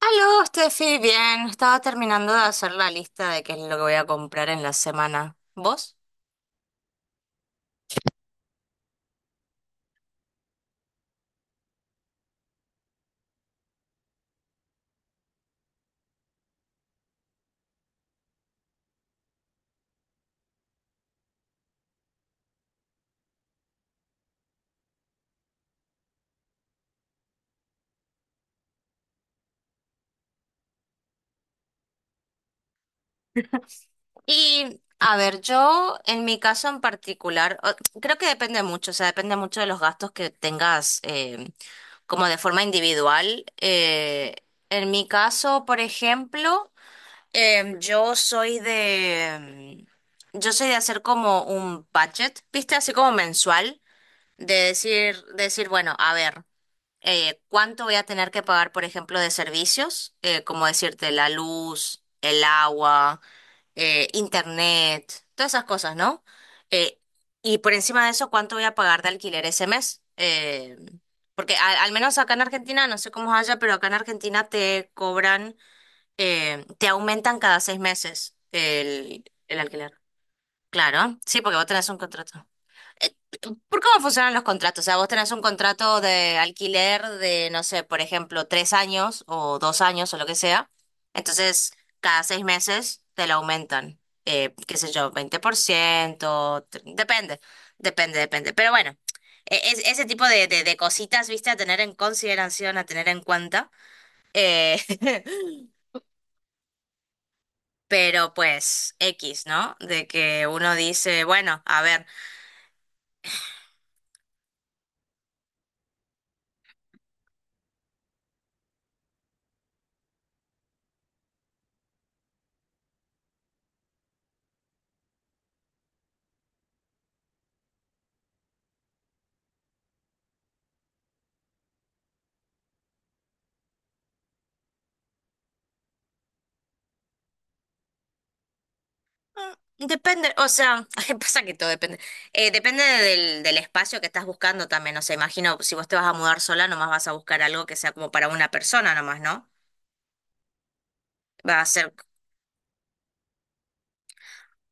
Aló, Steffi, bien. Estaba terminando de hacer la lista de qué es lo que voy a comprar en la semana. ¿Vos? Y, a ver, yo en mi caso en particular, creo que depende mucho, o sea, depende mucho de los gastos que tengas como de forma individual. En mi caso, por ejemplo, yo soy de, yo soy de hacer como un budget, ¿viste? Así como mensual, de decir, bueno, a ver. Cuánto voy a tener que pagar, por ejemplo, de servicios, como decirte, la luz, el agua, internet, todas esas cosas, ¿no? Eh, y por encima de eso, cuánto voy a pagar de alquiler ese mes. Porque al menos acá en Argentina, no sé cómo es allá, pero acá en Argentina te cobran, te aumentan cada seis meses el alquiler. Claro, sí, porque vos tenés un contrato. Eh, ¿Por cómo funcionan los contratos? O sea, vos tenés un contrato de alquiler de, no sé, por ejemplo, tres años o dos años o lo que sea. Entonces, cada seis meses te lo aumentan, qué sé yo, 20%, depende, depende. Pero bueno, es, ese tipo de cositas, viste, a tener en consideración, a tener en cuenta. Eh, pero pues, X, ¿no? De que uno dice, bueno, a ver. Mm, depende, o sea, que pasa que todo depende. Depende del espacio que estás buscando también. O sea, imagino si vos te vas a mudar sola, nomás vas a buscar algo que sea como para una persona nomás, ¿no? Va a ser.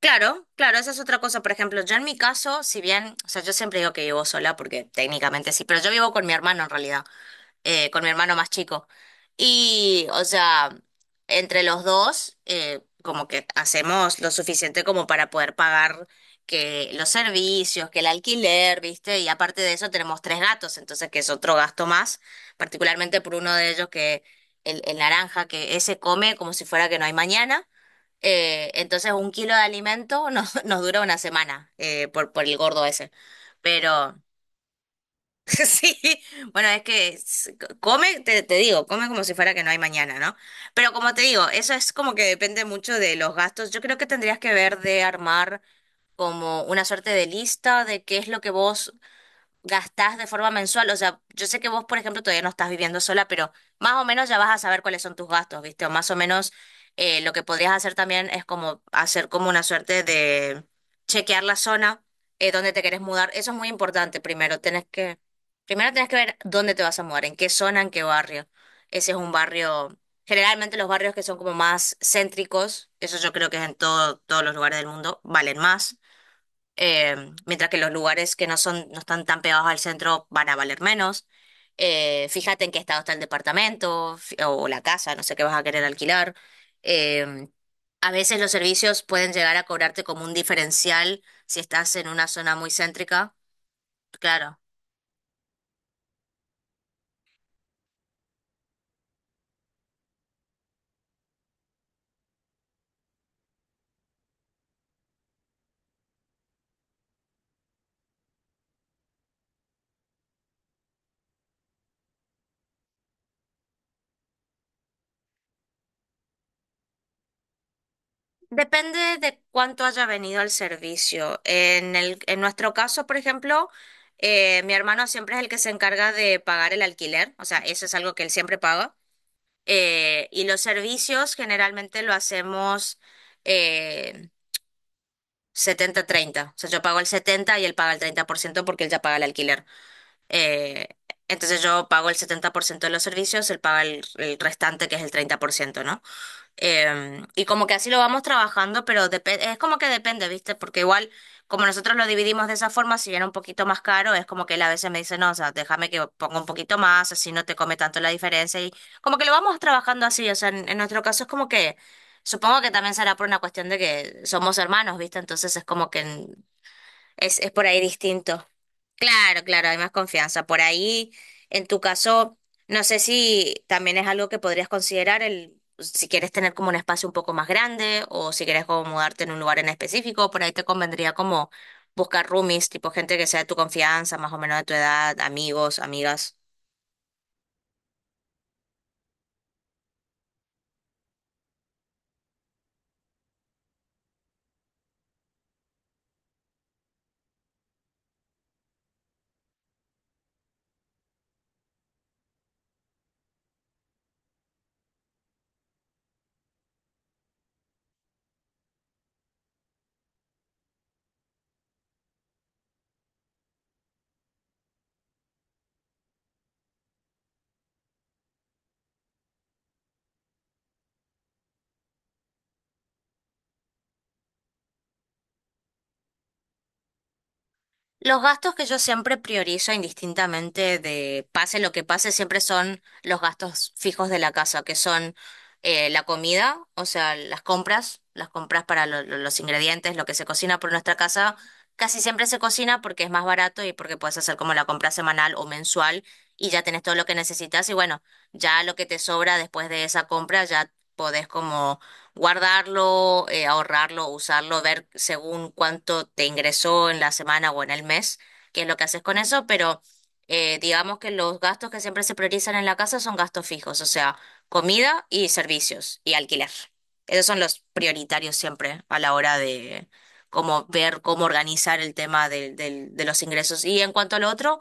Claro, claro, esa es otra cosa. Por ejemplo, yo en mi caso, si bien, o sea, yo siempre digo que vivo sola porque técnicamente sí, pero yo vivo con mi hermano en realidad. Con mi hermano más chico. Y, o sea, entre los dos, como que hacemos lo suficiente como para poder pagar que los servicios, que el alquiler, ¿viste? Y aparte de eso tenemos tres gatos, entonces que es otro gasto más, particularmente por uno de ellos que el naranja, que ese come como si fuera que no hay mañana. Entonces un kilo de alimento nos, nos dura una semana por el gordo ese. Pero... Sí, bueno, come, te digo, come como si fuera que no hay mañana, ¿no? Pero como te digo, eso es como que depende mucho de los gastos. Yo creo que tendrías que ver de armar como una suerte de lista de qué es lo que vos gastás de forma mensual. O sea, yo sé que vos, por ejemplo, todavía no estás viviendo sola, pero más o menos ya vas a saber cuáles son tus gastos, ¿viste? O más o menos lo que podrías hacer también es como hacer como una suerte de chequear la zona donde te querés mudar. Eso es muy importante. Primero tenés que ver dónde te vas a mudar, en qué zona, en qué barrio. Ese es un barrio. Generalmente los barrios que son como más céntricos, eso yo creo que es en todos los lugares del mundo, valen más eh, mientras que los lugares que no son, no están tan pegados al centro van a valer menos. Fíjate en qué estado está el departamento o la casa, no sé qué vas a querer alquilar. Eh, a veces los servicios pueden llegar a cobrarte como un diferencial si estás en una zona muy céntrica. Claro. Depende de cuánto haya venido el servicio. En nuestro caso, por ejemplo, mi hermano siempre es el que se encarga de pagar el alquiler, o sea, eso es algo que él siempre paga. Y los servicios generalmente lo hacemos eh, 70-30. O sea, yo pago el 70 y él paga el 30% porque él ya paga el alquiler. Eh, entonces yo pago el 70% de los servicios, él paga el restante que es el treinta por ciento, ¿no? Y como que así lo vamos trabajando, pero es como que depende, ¿viste? Porque igual, como nosotros lo dividimos de esa forma, si era un poquito más caro, es como que él a veces me dice, no, o sea, déjame que ponga un poquito más, así no te come tanto la diferencia. Y como que lo vamos trabajando así, o sea, en nuestro caso es como que, supongo que también será por una cuestión de que somos hermanos, ¿viste? Entonces es como que mm, es por ahí distinto. Claro, claro, hay más confianza. Por ahí, en tu caso, no sé si también es algo que podrías considerar el, si quieres tener como un espacio un poco más grande o si quieres como mudarte en un lugar en específico, por ahí te convendría como buscar roomies, tipo gente que sea de tu confianza, más o menos de tu edad, amigos, amigas. Los gastos que yo siempre priorizo indistintamente de pase lo que pase, siempre son los gastos fijos de la casa, que son la comida, o sea, las compras para los ingredientes, lo que se cocina por nuestra casa, casi siempre se cocina porque es más barato y porque puedes hacer como la compra semanal o mensual y ya tenés todo lo que necesitas y bueno, ya lo que te sobra después de esa compra ya podés como guardarlo, ahorrarlo, usarlo, ver según cuánto te ingresó en la semana o en el mes, qué es lo que haces con eso, pero digamos que los gastos que siempre se priorizan en la casa son gastos fijos, o sea, comida y servicios y alquiler. Esos son los prioritarios siempre a la hora de cómo ver, cómo organizar el tema de los ingresos. Y en cuanto al otro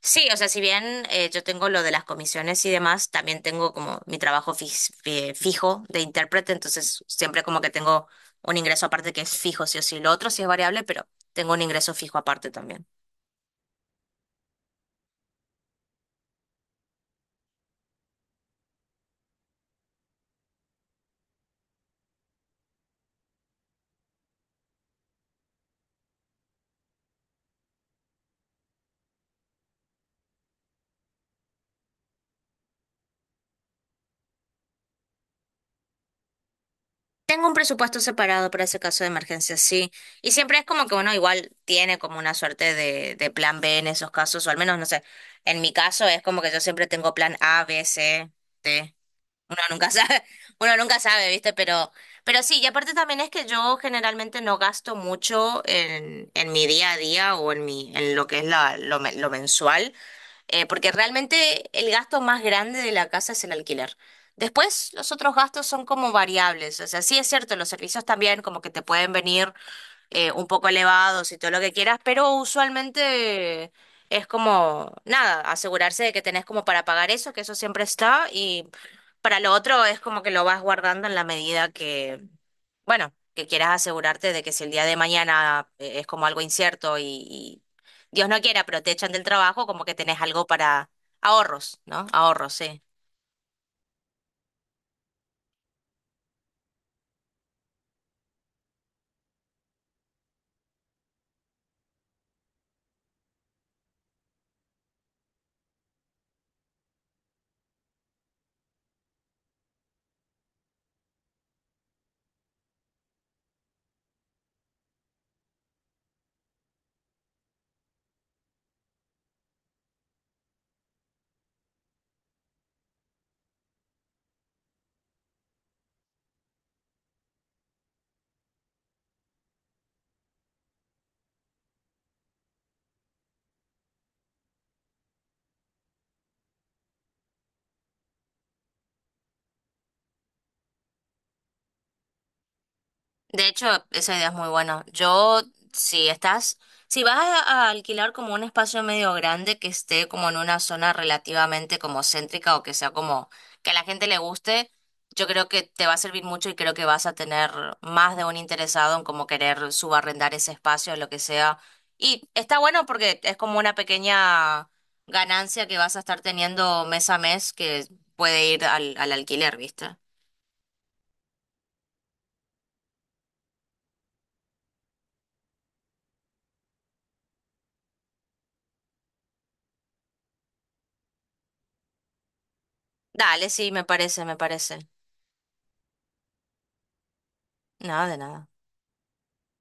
sí, o sea, si bien yo tengo lo de las comisiones y demás, también tengo como mi trabajo fijo de intérprete, entonces siempre como que tengo un ingreso aparte que es fijo, sí o sí. Lo otro sí es variable, pero tengo un ingreso fijo aparte también. Tengo un presupuesto separado para ese caso de emergencia, sí. Y siempre es como que uno igual tiene como una suerte de plan B en esos casos, o al menos, no sé, en mi caso es como que yo siempre tengo plan A, B, C, D. Uno nunca sabe, uno nunca sabe, ¿viste? Pero sí, y aparte también es que yo generalmente no gasto mucho en mi día a día o en mi, en lo que es la, lo, lo mensual, porque realmente el gasto más grande de la casa es el alquiler. Después, los otros gastos son como variables. O sea, sí es cierto, los servicios también como que te pueden venir un poco elevados y todo lo que quieras, pero usualmente es como, nada, asegurarse de que tenés como para pagar eso, que eso siempre está, y para lo otro es como que lo vas guardando en la medida que, bueno, que quieras asegurarte de que si el día de mañana es como algo incierto y Dios no quiera, pero te echan del trabajo, como que tenés algo para ahorros, ¿no? Ahorros, sí. De hecho, esa idea es muy buena. Yo, si estás, si vas a alquilar como un espacio medio grande que esté como en una zona relativamente como céntrica o que sea como que a la gente le guste, yo creo que te va a servir mucho y creo que vas a tener más de un interesado en como querer subarrendar ese espacio o lo que sea. Y está bueno porque es como una pequeña ganancia que vas a estar teniendo mes a mes que puede ir al alquiler, ¿viste? Dale, sí, me parece, me parece. Nada de nada.